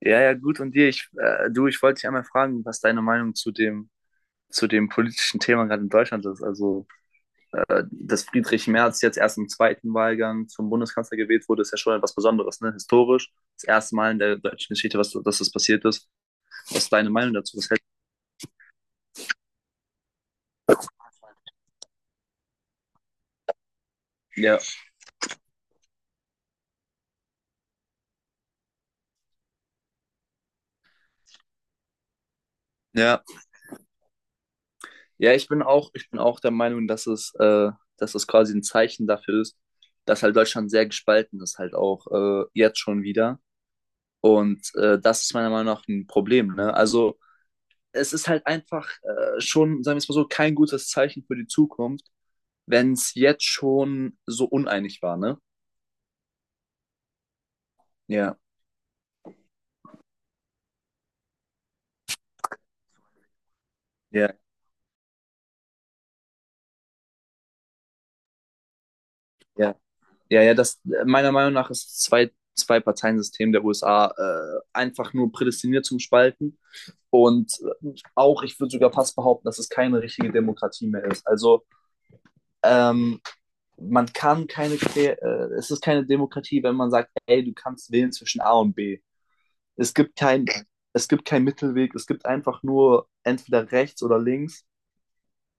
Ja, ja, gut. Und dir, ich wollte dich einmal fragen, was deine Meinung zu dem politischen Thema gerade in Deutschland ist. Also, dass Friedrich Merz jetzt erst im zweiten Wahlgang zum Bundeskanzler gewählt wurde, ist ja schon etwas Besonderes, ne? Historisch. Das erste Mal in der deutschen Geschichte, was, dass das passiert ist. Was ist deine Meinung dazu? Was hältst du? Ja, ja. Ja, ich bin auch der Meinung, dass dass es quasi ein Zeichen dafür ist, dass halt Deutschland sehr gespalten ist, halt auch jetzt schon wieder. Und das ist meiner Meinung nach ein Problem, ne? Also, es ist halt einfach schon, sagen wir es mal so, kein gutes Zeichen für die Zukunft, wenn es jetzt schon so uneinig war, ne? Ja, ja, ja. Ja, ja, das meiner Meinung nach ist das zwei Parteiensystem der USA einfach nur prädestiniert zum Spalten. Und auch, ich würde sogar fast behaupten, dass es keine richtige Demokratie mehr ist. Also ähm, man kann keine, Quer- es ist keine Demokratie, wenn man sagt, ey, du kannst wählen zwischen A und B. Es gibt kein, es gibt keinen Mittelweg, es gibt einfach nur entweder rechts oder links.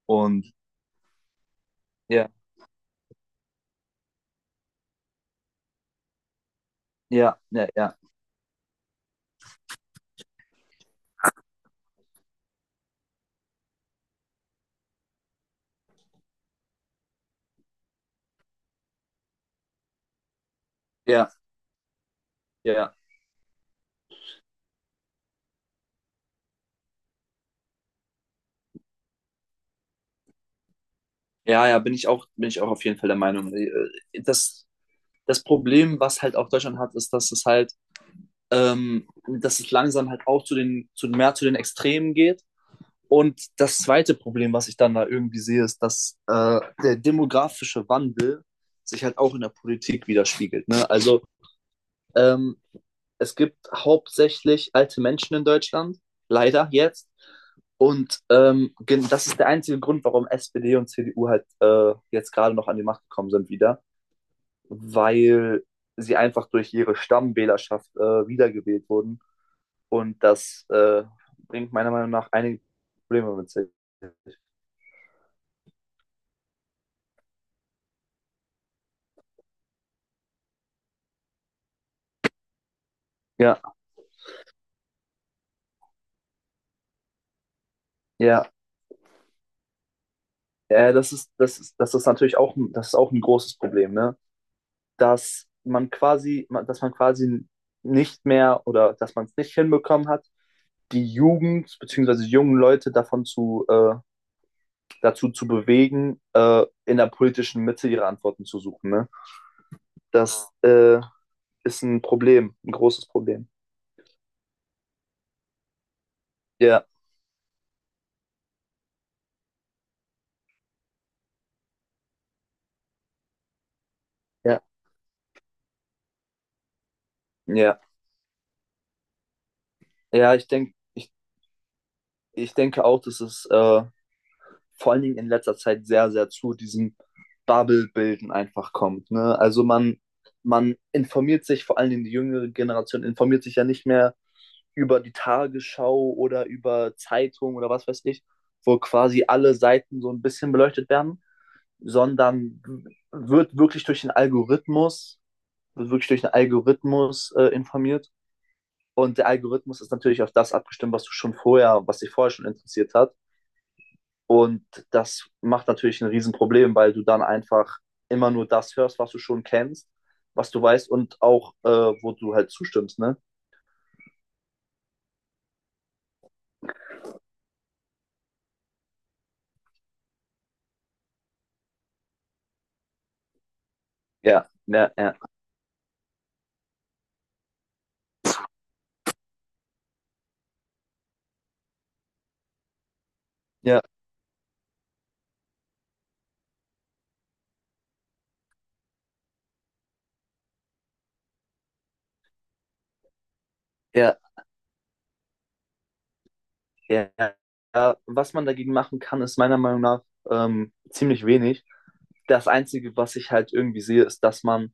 Und ja, ja, ja, ja, ja, ja. Ja, ja, bin ich auch auf jeden Fall der Meinung. Das, das Problem, was halt auch Deutschland hat, ist, dass es langsam halt auch zu mehr zu den Extremen geht. Und das zweite Problem, was ich dann da irgendwie sehe, ist, dass der demografische Wandel sich halt auch in der Politik widerspiegelt. Ne? Also ähm, es gibt hauptsächlich alte Menschen in Deutschland, leider jetzt. Und das ist der einzige Grund, warum SPD und CDU halt jetzt gerade noch an die Macht gekommen sind wieder, weil sie einfach durch ihre Stammwählerschaft wiedergewählt wurden. Und das bringt meiner Meinung nach einige Probleme mit sich. Ja, ja, ja, das ist natürlich auch, das ist auch ein großes Problem, ne? Dass man quasi nicht mehr oder dass man es nicht hinbekommen hat, die Jugend bzw. jungen Leute davon dazu zu bewegen, in der politischen Mitte ihre Antworten zu suchen. Ne? Das ist ein Problem, ein großes Problem. Ja, ja, ja. Ja, ich denke, ich, ich denke auch, dass es vor allen Dingen in letzter Zeit sehr, sehr zu diesem Bubble-Bilden einfach kommt. Ne? Man informiert sich, vor allen Dingen die jüngere Generation informiert sich ja nicht mehr über die Tagesschau oder über Zeitung oder was weiß ich, wo quasi alle Seiten so ein bisschen beleuchtet werden, sondern wird wirklich wird wirklich durch den Algorithmus informiert. Und der Algorithmus ist natürlich auf das abgestimmt, was dich vorher schon interessiert hat. Und das macht natürlich ein Riesenproblem, weil du dann einfach immer nur das hörst, was du schon kennst, was du weißt und auch, wo du halt zustimmst, ne? Ja, ja, ja, ja, ja, ja. Ja. Was man dagegen machen kann, ist meiner Meinung nach ziemlich wenig. Das Einzige, was ich halt irgendwie sehe, ist, dass man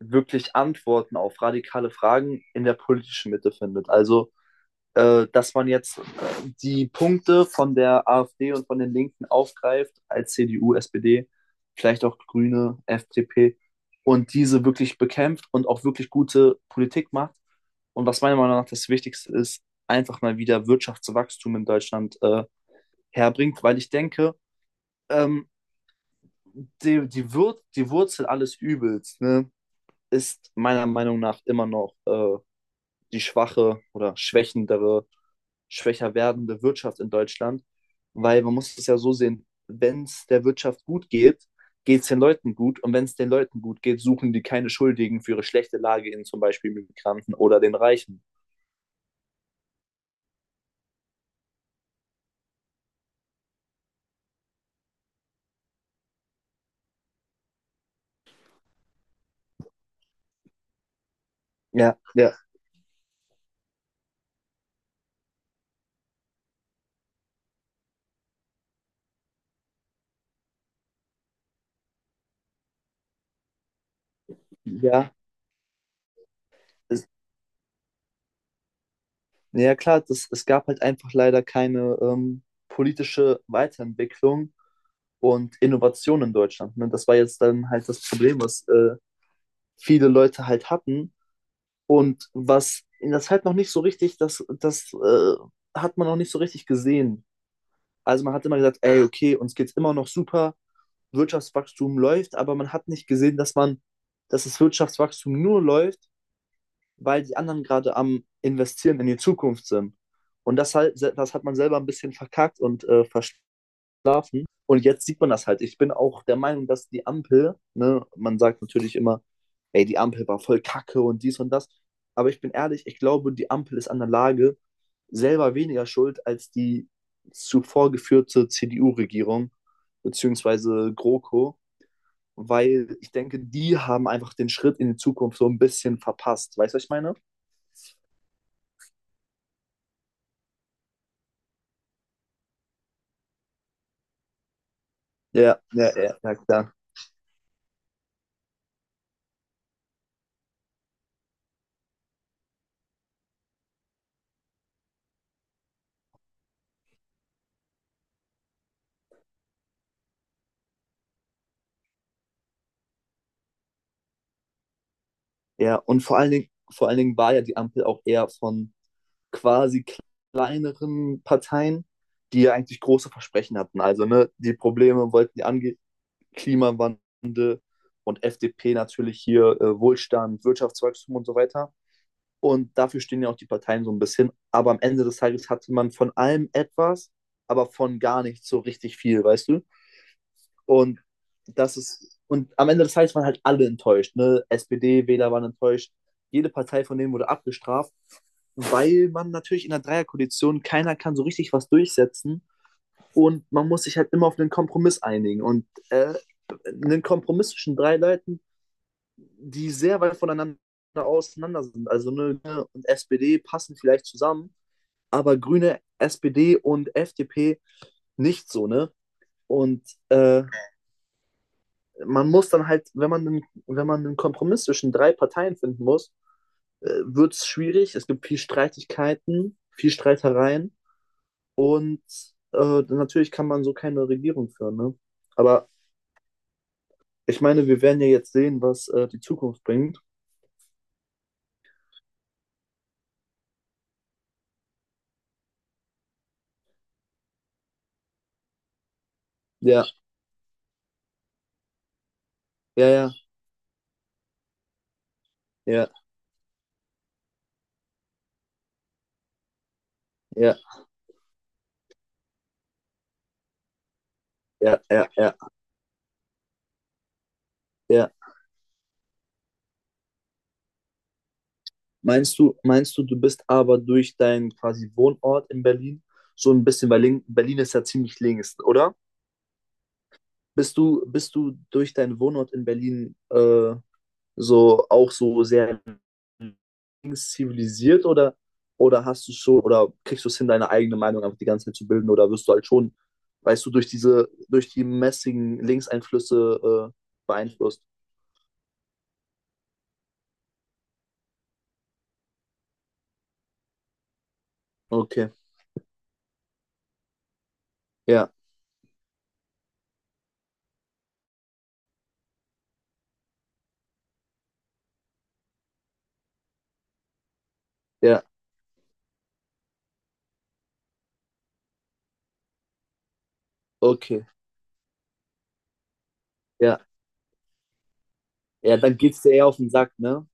wirklich Antworten auf radikale Fragen in der politischen Mitte findet. Also dass man jetzt die Punkte von der AfD und von den Linken aufgreift, als CDU, SPD, vielleicht auch Grüne, FDP, und diese wirklich bekämpft und auch wirklich gute Politik macht. Und was meiner Meinung nach das Wichtigste ist, einfach mal wieder Wirtschaftswachstum in Deutschland herbringt, weil ich denke, ähm, die Wurzel alles Übels ne, ist meiner Meinung nach immer noch die schwache oder schwächendere schwächer werdende Wirtschaft in Deutschland, weil man muss es ja so sehen, wenn es der Wirtschaft gut geht, geht es den Leuten gut und wenn es den Leuten gut geht, suchen die keine Schuldigen für ihre schlechte Lage in zum Beispiel Migranten oder den Reichen. Ja, ja, ja, es, ja klar, es gab halt einfach leider keine politische Weiterentwicklung und Innovation in Deutschland. Ne? Das war jetzt dann halt das Problem, was viele Leute halt hatten. Und was das halt noch nicht so richtig, das, das hat man noch nicht so richtig gesehen. Also man hat immer gesagt, ey, okay, uns geht's immer noch super, Wirtschaftswachstum läuft, aber man hat nicht gesehen, dass das Wirtschaftswachstum nur läuft, weil die anderen gerade am Investieren in die Zukunft sind. Und das hat man selber ein bisschen verkackt und verstanden schlafen. Und jetzt sieht man das halt. Ich bin auch der Meinung, dass die Ampel, ne, man sagt natürlich immer, ey, die Ampel war voll kacke und dies und das. Aber ich bin ehrlich, ich glaube, die Ampel ist an der Lage selber weniger schuld als die zuvor geführte CDU-Regierung, beziehungsweise GroKo, weil ich denke, die haben einfach den Schritt in die Zukunft so ein bisschen verpasst. Weißt du, was ich meine? Ja, ja, ja, ja, klar. Ja, und vor allen Dingen war ja die Ampel auch eher von quasi kleineren Parteien, die ja eigentlich große Versprechen hatten. Also ne, die Probleme wollten die angehen, Klimawandel und FDP natürlich hier Wohlstand, Wirtschaftswachstum und so weiter. Und dafür stehen ja auch die Parteien so ein bisschen. Aber am Ende des Tages hatte man von allem etwas, aber von gar nichts so richtig viel, weißt du? Und das ist, und am Ende des Tages waren halt alle enttäuscht. Ne? SPD-Wähler waren enttäuscht. Jede Partei von denen wurde abgestraft, weil man natürlich in der Dreierkoalition keiner kann so richtig was durchsetzen und man muss sich halt immer auf einen Kompromiss einigen. Und einen Kompromiss zwischen drei Leuten, die sehr weit voneinander auseinander sind. Also ne, Grüne und SPD passen vielleicht zusammen, aber Grüne, SPD und FDP nicht so, ne? Und äh, man muss dann halt, wenn man einen Kompromiss zwischen drei Parteien finden muss, wird es schwierig. Es gibt viel Streitigkeiten, viel Streitereien und natürlich kann man so keine Regierung führen, ne? Aber ich meine, wir werden ja jetzt sehen, was die Zukunft bringt. Ja, ja, ja, ja, ja, ja, ja, ja, ja. Meinst du, du bist aber durch deinen quasi Wohnort in Berlin so ein bisschen, weil Berlin ist ja ziemlich links, oder? Bist du durch deinen Wohnort in Berlin so auch so sehr links zivilisiert oder, oder kriegst du es hin, deine eigene Meinung einfach die ganze Zeit zu bilden oder wirst du halt schon, weißt du, durch die mäßigen Linkseinflüsse beeinflusst? Okay, ja, ja, okay, ja. Ja, dann geht's dir eher auf den Sack, ne?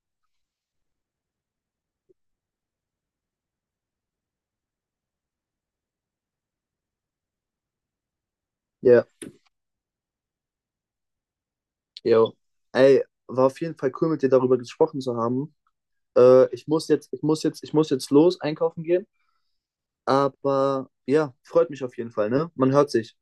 Ja, jo. Ey, war auf jeden Fall cool, mit dir darüber gesprochen zu haben. Ich muss jetzt los einkaufen gehen. Aber ja, freut mich auf jeden Fall, ne? Man hört sich.